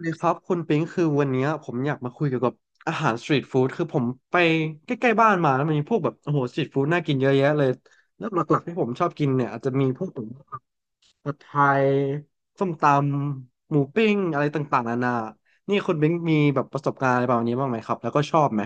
เลยครับคุณปิงคือวันเนี้ยผมอยากมาคุยเกี่ยวกับอาหารสตรีทฟู้ดคือผมไปใกล้ๆบ้านมาแล้วมันมีพวกแบบโอ้โหสตรีทฟู้ดน่ากินเยอะแยะเลยแล้วหลักๆที่ผมชอบกินเนี่ยอาจจะมีพวกแบบผัดไทยส้มตำหมูปิ้งอะไรต่างๆนานานี่คุณปิงมีแบบประสบการณ์อะไรแบบนี้บ้างไหมครับแล้วก็ชอบไหม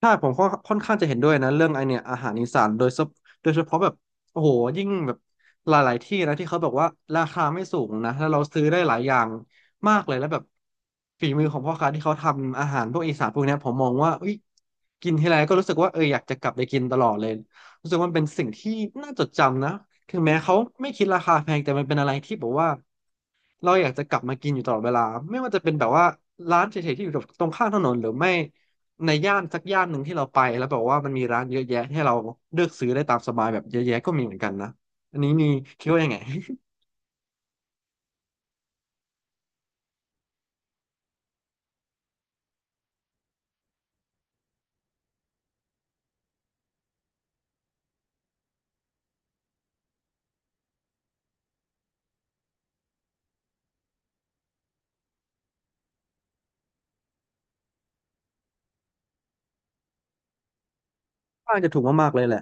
ใช่ผมก็ค่อนข้างจะเห็นด้วยนะเรื่องไอเนี่ยอาหารอีสานโดยเฉพาะแบบโอ้โหยิ่งแบบหลายๆที่นะที่เขาแบบว่าราคาไม่สูงนะแล้วเราซื้อได้หลายอย่างมากเลยแล้วแบบฝีมือของพ่อค้าที่เขาทำอาหารพวกอีสานพวกเนี้ยผมมองว่าอุ้ยกินทีไรก็รู้สึกว่าเอออยากจะกลับไปกินตลอดเลยรู้สึกว่ามันเป็นสิ่งที่น่าจดจำนะถึงแม้เขาไม่คิดราคาแพงแต่มันเป็นอะไรที่แบบว่า เราอยากจะกลับมากินอยู่ตลอดเวลาไม่ว่าจะเป็นแบบว่าร้านเฉยๆที่อยู่ตรงข้างถนนหรือไม่ในย่านสักย่านหนึ่งที่เราไปแล้วแบบว่ามันมีร้านเยอะแยะให้เราเลือกซื้อได้ตามสบายแบบเยอะแยะก็มีเหมือนกันนะอันนี้มีคิดว่ายังไง ค่อนข้างจะถูกมากๆเลยแหละ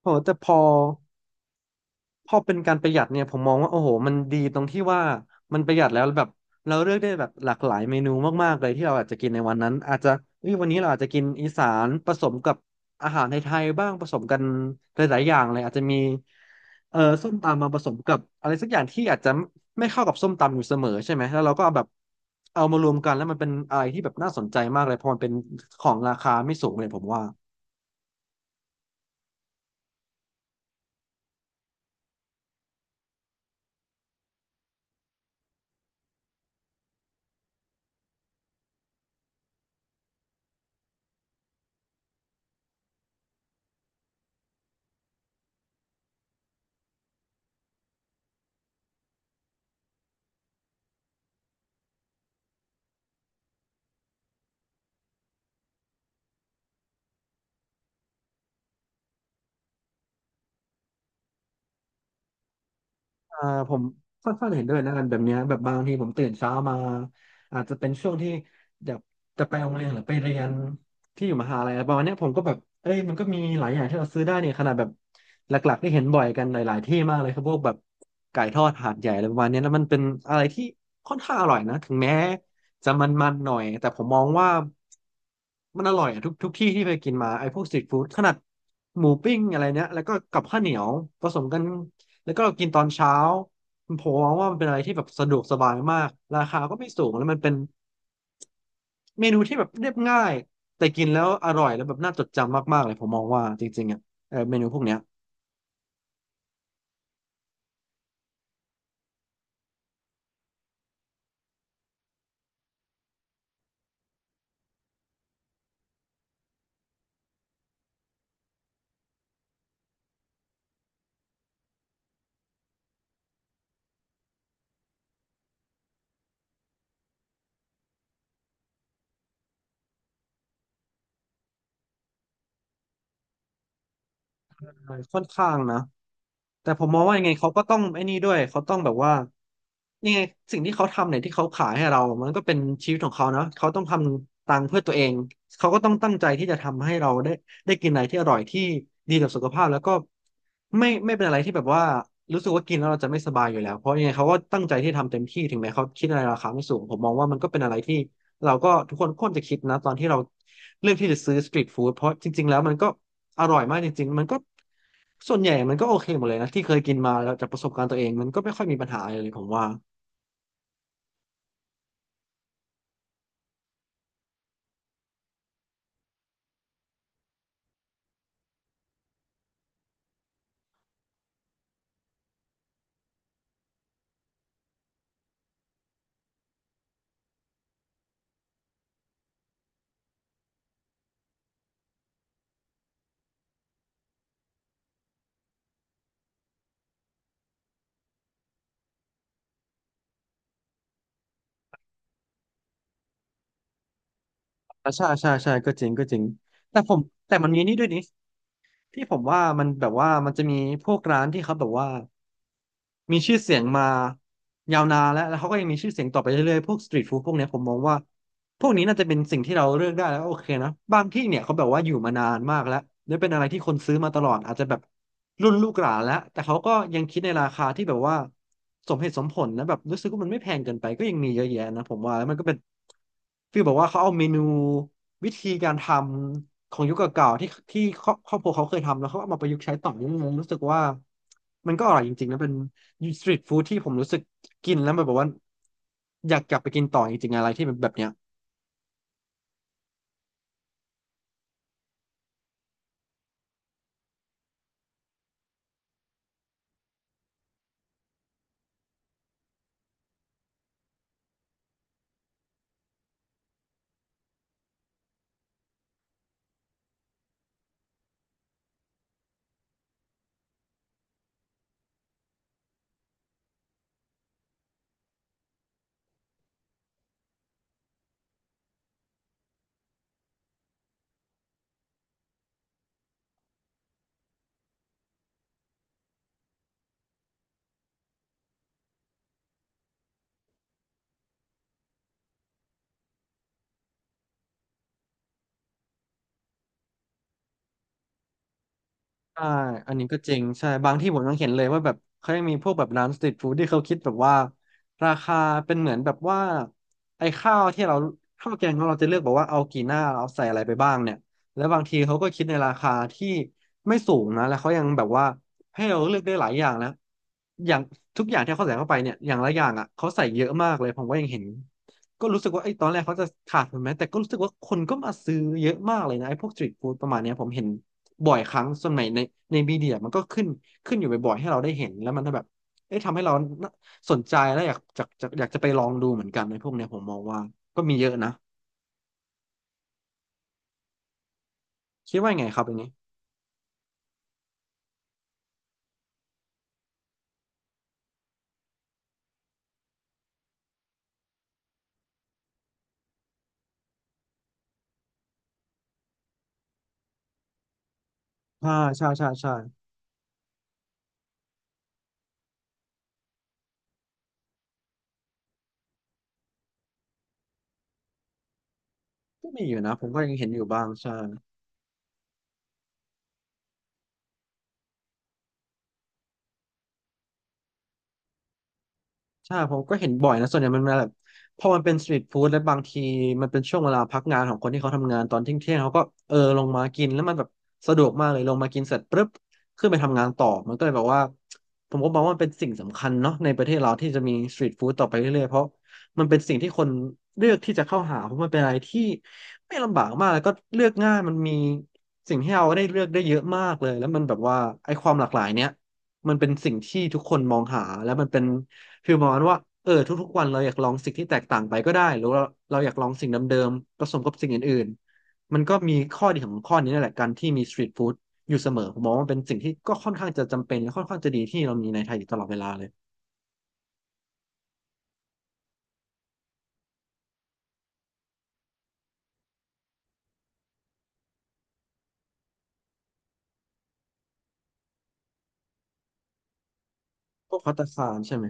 โอ้แต่พอเป็นการประหยัดเนี่ยผมมองว่าโอ้โหมันดีตรงที่ว่ามันประหยัดแล้วแบบเราเลือกได้แบบหลากหลายเมนูมากๆเลยที่เราอาจจะกินในวันนั้นอาจจะเอ้ยวันนี้เราอาจจะกินอีสานผสมกับอาหารไทยๆบ้างผสมกันหลายๆอย่างเลยอาจจะมีส้มตำมาผสมกับอะไรสักอย่างที่อาจจะไม่เข้ากับส้มตำอยู่เสมอใช่ไหมแล้วเราก็เอาแบบเอามารวมกันแล้วมันเป็นอะไรที่แบบน่าสนใจมากเลยเพราะมันเป็นของราคาไม่สูงเลยผมว่า อ่าผมค่อนข้างเห็นด้วยนะกันแบบเนี้ยแบบบางทีผมตื่นเช้ามาอาจจะเป็นช่วงที่แบบจะไปโรงเรียนหรือไปเรียนที่อยู่มหาลัยอะไรประมาณเนี้ยผมก็แบบเอ้ยมันก็มีหลายอย่างที่เราซื้อได้เนี่ยขนาดแบบหลักๆที่เห็นบ่อยกันหลายๆที่มากเลยครับพวกแบบไก่ทอดหาดใหญ่อะไรประมาณเนี้ยแล้วมันเป็นอะไรที่ค่อนข้างอร่อยนะถึงแม้จะมันๆหน่อยแต่ผมมองว่ามันอร่อยอะทุกที่ที่ไปกินมาไอ้พวกสตรีทฟู้ดขนาดหมูปิ้งอะไรเนี้ยแล้วก็กับข้าวเหนียวผสมกัน แล้วก็เรากินตอนเช้าผมมองว่ามันเป็นอะไรที่แบบสะดวกสบายมากราคาก็ไม่สูงแล้วมันเป็นเมนูที่แบบเรียบง่ายแต่กินแล้วอร่อยแล้วแบบน่าจดจำมากๆเลยผมมองว่าจริงๆอ่ะเออเมนูพวกเนี้ย ใช่ค่อนข้างนะแต่ผมมองว่ายังไงเขาก็ต้องไอ้นี่ด้วยเขาต้องแบบว่ายังไงสิ่งที่เขาทำเนี่ยที่เขาขายให้เรามันก็เป็นชีวิตของเขานะเขาต้องทำตังค์เพื่อตัวเองเขาก็ต้องตั้งใจที่จะทำให้เราได้ได้กินอะไรที่อร่อยที่ดีกับสุขภาพแล้วก็ไม่เป็นอะไรที่แบบว่ารู้สึกว่ากินแล้วเราจะไม่สบายอยู่แล้วเพราะยังไงเขาก็ตั้งใจที่ทำเต็มที่ถึงแม้เขาคิดอะไรราคาไม่สูงผมมองว่ามันก็เป็นอะไรที่เราก็ทุกคนควรจะคิดนะตอนที่เราเลือกที่จะซื้อสตรีทฟู้ดเพราะจริงๆแล้วมันก็ อร่อยมากจริงๆ มันก็ส่วนใหญ่มันก็โอเคหมดเลยนะที่เคยกินมาแล้วจากประสบการณ์ตัวเองมันก็ไม่ค่อยมีปัญหาอะไรเลยผมว่าอ่ะใช่ใช่ใช่ก็จริงก็จริงแต่ผมแต่มันมีนี่ด้วยนี่ ที่ผมว่ามันแบบว่ามันจะมีพวกร้านที่เขาแบบว่ามีชื่อเสียงมายาวนานแล้วเขาก็ยังมีชื่อเสียงต่อไปเรื่อยๆพวกสตรีทฟู้ดพวกเนี้ยผมมองว่าพวกนี้น่าจะเป็นสิ่งที่เราเลือกได้แล้วโอเคนะบางที่เนี่ยเขาแบบว่าอยู่มานานมากแล้วและเป็นอะไรที่คนซื้อมาตลอดอาจจะแบบรุ่นลูกหลานแล้วแต่เขาก็ยังคิดในราคาที่แบบว่าสมเหตุสมผลนะแบบรู้สึกว่ามันไม่แพงเกินไปก็ยังมีเยอะแยะนะผมว่าแล้วมันก็เป็นฟีลแบบว่าเขาเอาเมนู วิธีการทำของยุคเก่าๆที่ครอบครัวเขาเคยทำแล้วเขาเอามาประยุกต์ใช้ต่อยังรู้สึกว่ามันก็อร่อยจริงๆนะเป็นสตรีทฟู้ดที่ผมรู้สึกกินแล้วมันแบบว่าอยากกลับไปกินต่อจริงๆอะไรที่แบบเนี้ย ใช่อันนี้ก็จริงใช่บางที่ผมยังเห็นเลยว่าแบบเขายังมีพวกแบบร้านสตรีทฟู้ดที่เขาคิดแบบว่าราคาเป็นเหมือนแบบว่าไอ้ข้าวที่เราข้าวแกงของเราจะเลือกบอกว่าเอากี่หน้าเราใส่อะไรไปบ้างเนี่ยแล้วบางทีเขาก็คิดในราคาที่ไม่สูงนะแล้วเขายังแบบว่าให้เราเลือกได้หลายอย่างนะอย่างทุกอย่างที่เขาใส่เข้าไปเนี่ยอย่างละอย่างอ่ะเขาใส่เยอะมากเลยผมก็ยังเห็นก็รู้สึกว่าไอ้ตอนแรกเขาจะขาดทุนไหมแต่ก็รู้สึกว่าคนก็มาซื้อเยอะมากเลยนะไอ้พวกสตรีทฟู้ดประมาณเนี้ยผมเห็น บ่อยครั้งสมัยในมีเดียมันก็ขึ้นอยู่บ่อยๆให้เราได้เห็นแล้วมันก็แบบเอ๊ะทำให้เราสนใจแล้วอยากจะอยากจะไปลองดูเหมือนกันในพวกเนี้ยผมมองว่าก็มีเยอะนะคิดว่าไงครับอย่างนี้อ่าใช่ใช่ใช่ก็มีอยู่นะผมก็ยังเห็นอยู่บ้างใช่ ใช่ผมก็เห็นบ่อยนะส่วนใหญ่มันมาแบบพอมันเป็นสตรีทฟู้ดและบางทีมันเป็นช่วงเวลาพักงานของคนที่เขาทำงานตอนเที่ยงเขาก็เออลงมากินแล้วมันแบบสะดวกมากเลยลงมากินเสร็จปุ๊บขึ้นไปทำงานต่อมันก็เลยแบบว่าผมก็มองว่ามันเป็นสิ่งสำคัญเนาะในประเทศเราที่จะมีสตรีทฟู้ดต่อไปเรื่อยๆเพราะมันเป็นสิ่งที่คนเลือกที่จะเข้าหาเพราะมันเป็นอะไรที่ไม่ลำบากมากแล้วก็เลือกง่ายมันมีสิ่งให้เราได้เลือกได้เยอะมากเลยแล้วมันแบบว่าไอ้ความหลากหลายเนี้ยมันเป็นสิ่งที่ทุกคนมองหาและมันเป็น คือประมาณว่าเออทุกๆวันเราอยากลองสิ่งที่แตกต่างไปก็ได้หรือเราอยากลองสิ่งเดิมๆผสมกับสิ่งอื่นๆมันก็มีข้อดีของข้อนี้นั่นแหละการที่มีสตรีทฟู้ดอยู่เสมอผมมองว่ามันเป็นสิ่งที่ก็ค่อนข้างจะจำเป็นและค่อนข้างจะดีที่เรามีในไทยอยู่ตลอดเวลาเลยพวกภัตตาคารใช่ไหม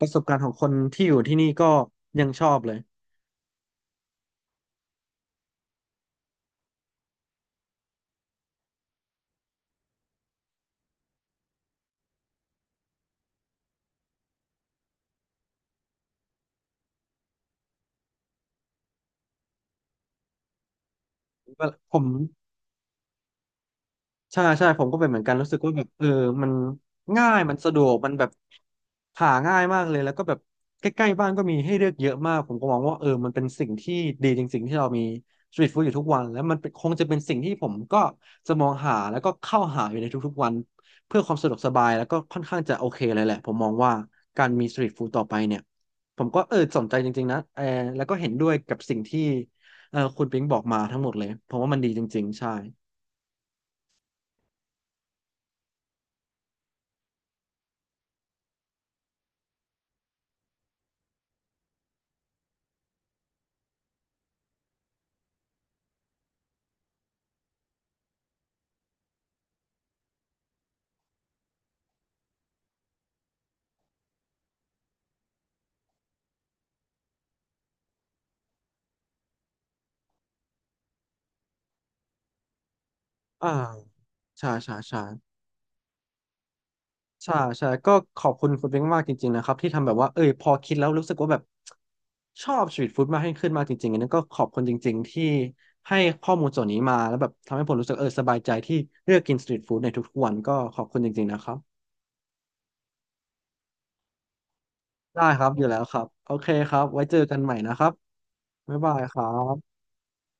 ประสบการณ์ของคนที่อยู่ที่นี่ก็ยังชอบเลยผม ใช่ใช่ผมก็เป็นเหมือนกันรู้สึกว่าแบบเออมันง่ายมันสะดวกมันแบบหาง่ายมากเลยแล้วก็แบบใกล้ๆบ้านก็มีให้เลือกเยอะมากผมก็มองว่าเออมันเป็นสิ่งที่ดีจริงๆที่เรามีสตรีทฟู้ดอยู่ทุกวันแล้วมันเป็นคงจะเป็นสิ่งที่ผมก็จะมองหาแล้วก็เข้าหาอยู่ในทุกๆวันเพื่อความสะดวกสบายแล้วก็ค่อนข้างจะโอเคเลยแหละผมมองว่าการมีสตรีทฟู้ดต่อไปเนี่ยผมก็เออสนใจจริงๆนะเออแล้วก็เห็นด้วยกับสิ่งที่เออคุณปิงบอกมาทั้งหมดเลยผมว่ามันดีจริงๆใช่อ่า ใช่ใช่ใช่ใช่ใช่ก็ขอบคุณคุณเบ้งมากจริงๆนะครับที่ทำแบบว่าเออพอคิดแล้วรู้สึกว่าแบบชอบสตรีทฟู้ดมากยิ่งขึ้นมากจริงๆอันนี้ก็ขอบคุณจริงๆที่ให้ข้อมูลส่วนนี้มาแล้วแบบทำให้ผมรู้สึกเออสบายใจที่เลือกกินสตรีทฟู้ดในทุกๆวันก็ขอบคุณจริงๆนะครับได้ครับอยู่แล้วครับโอเคครับไว้เจอกันใหม่นะครับบ๊ายบายครับ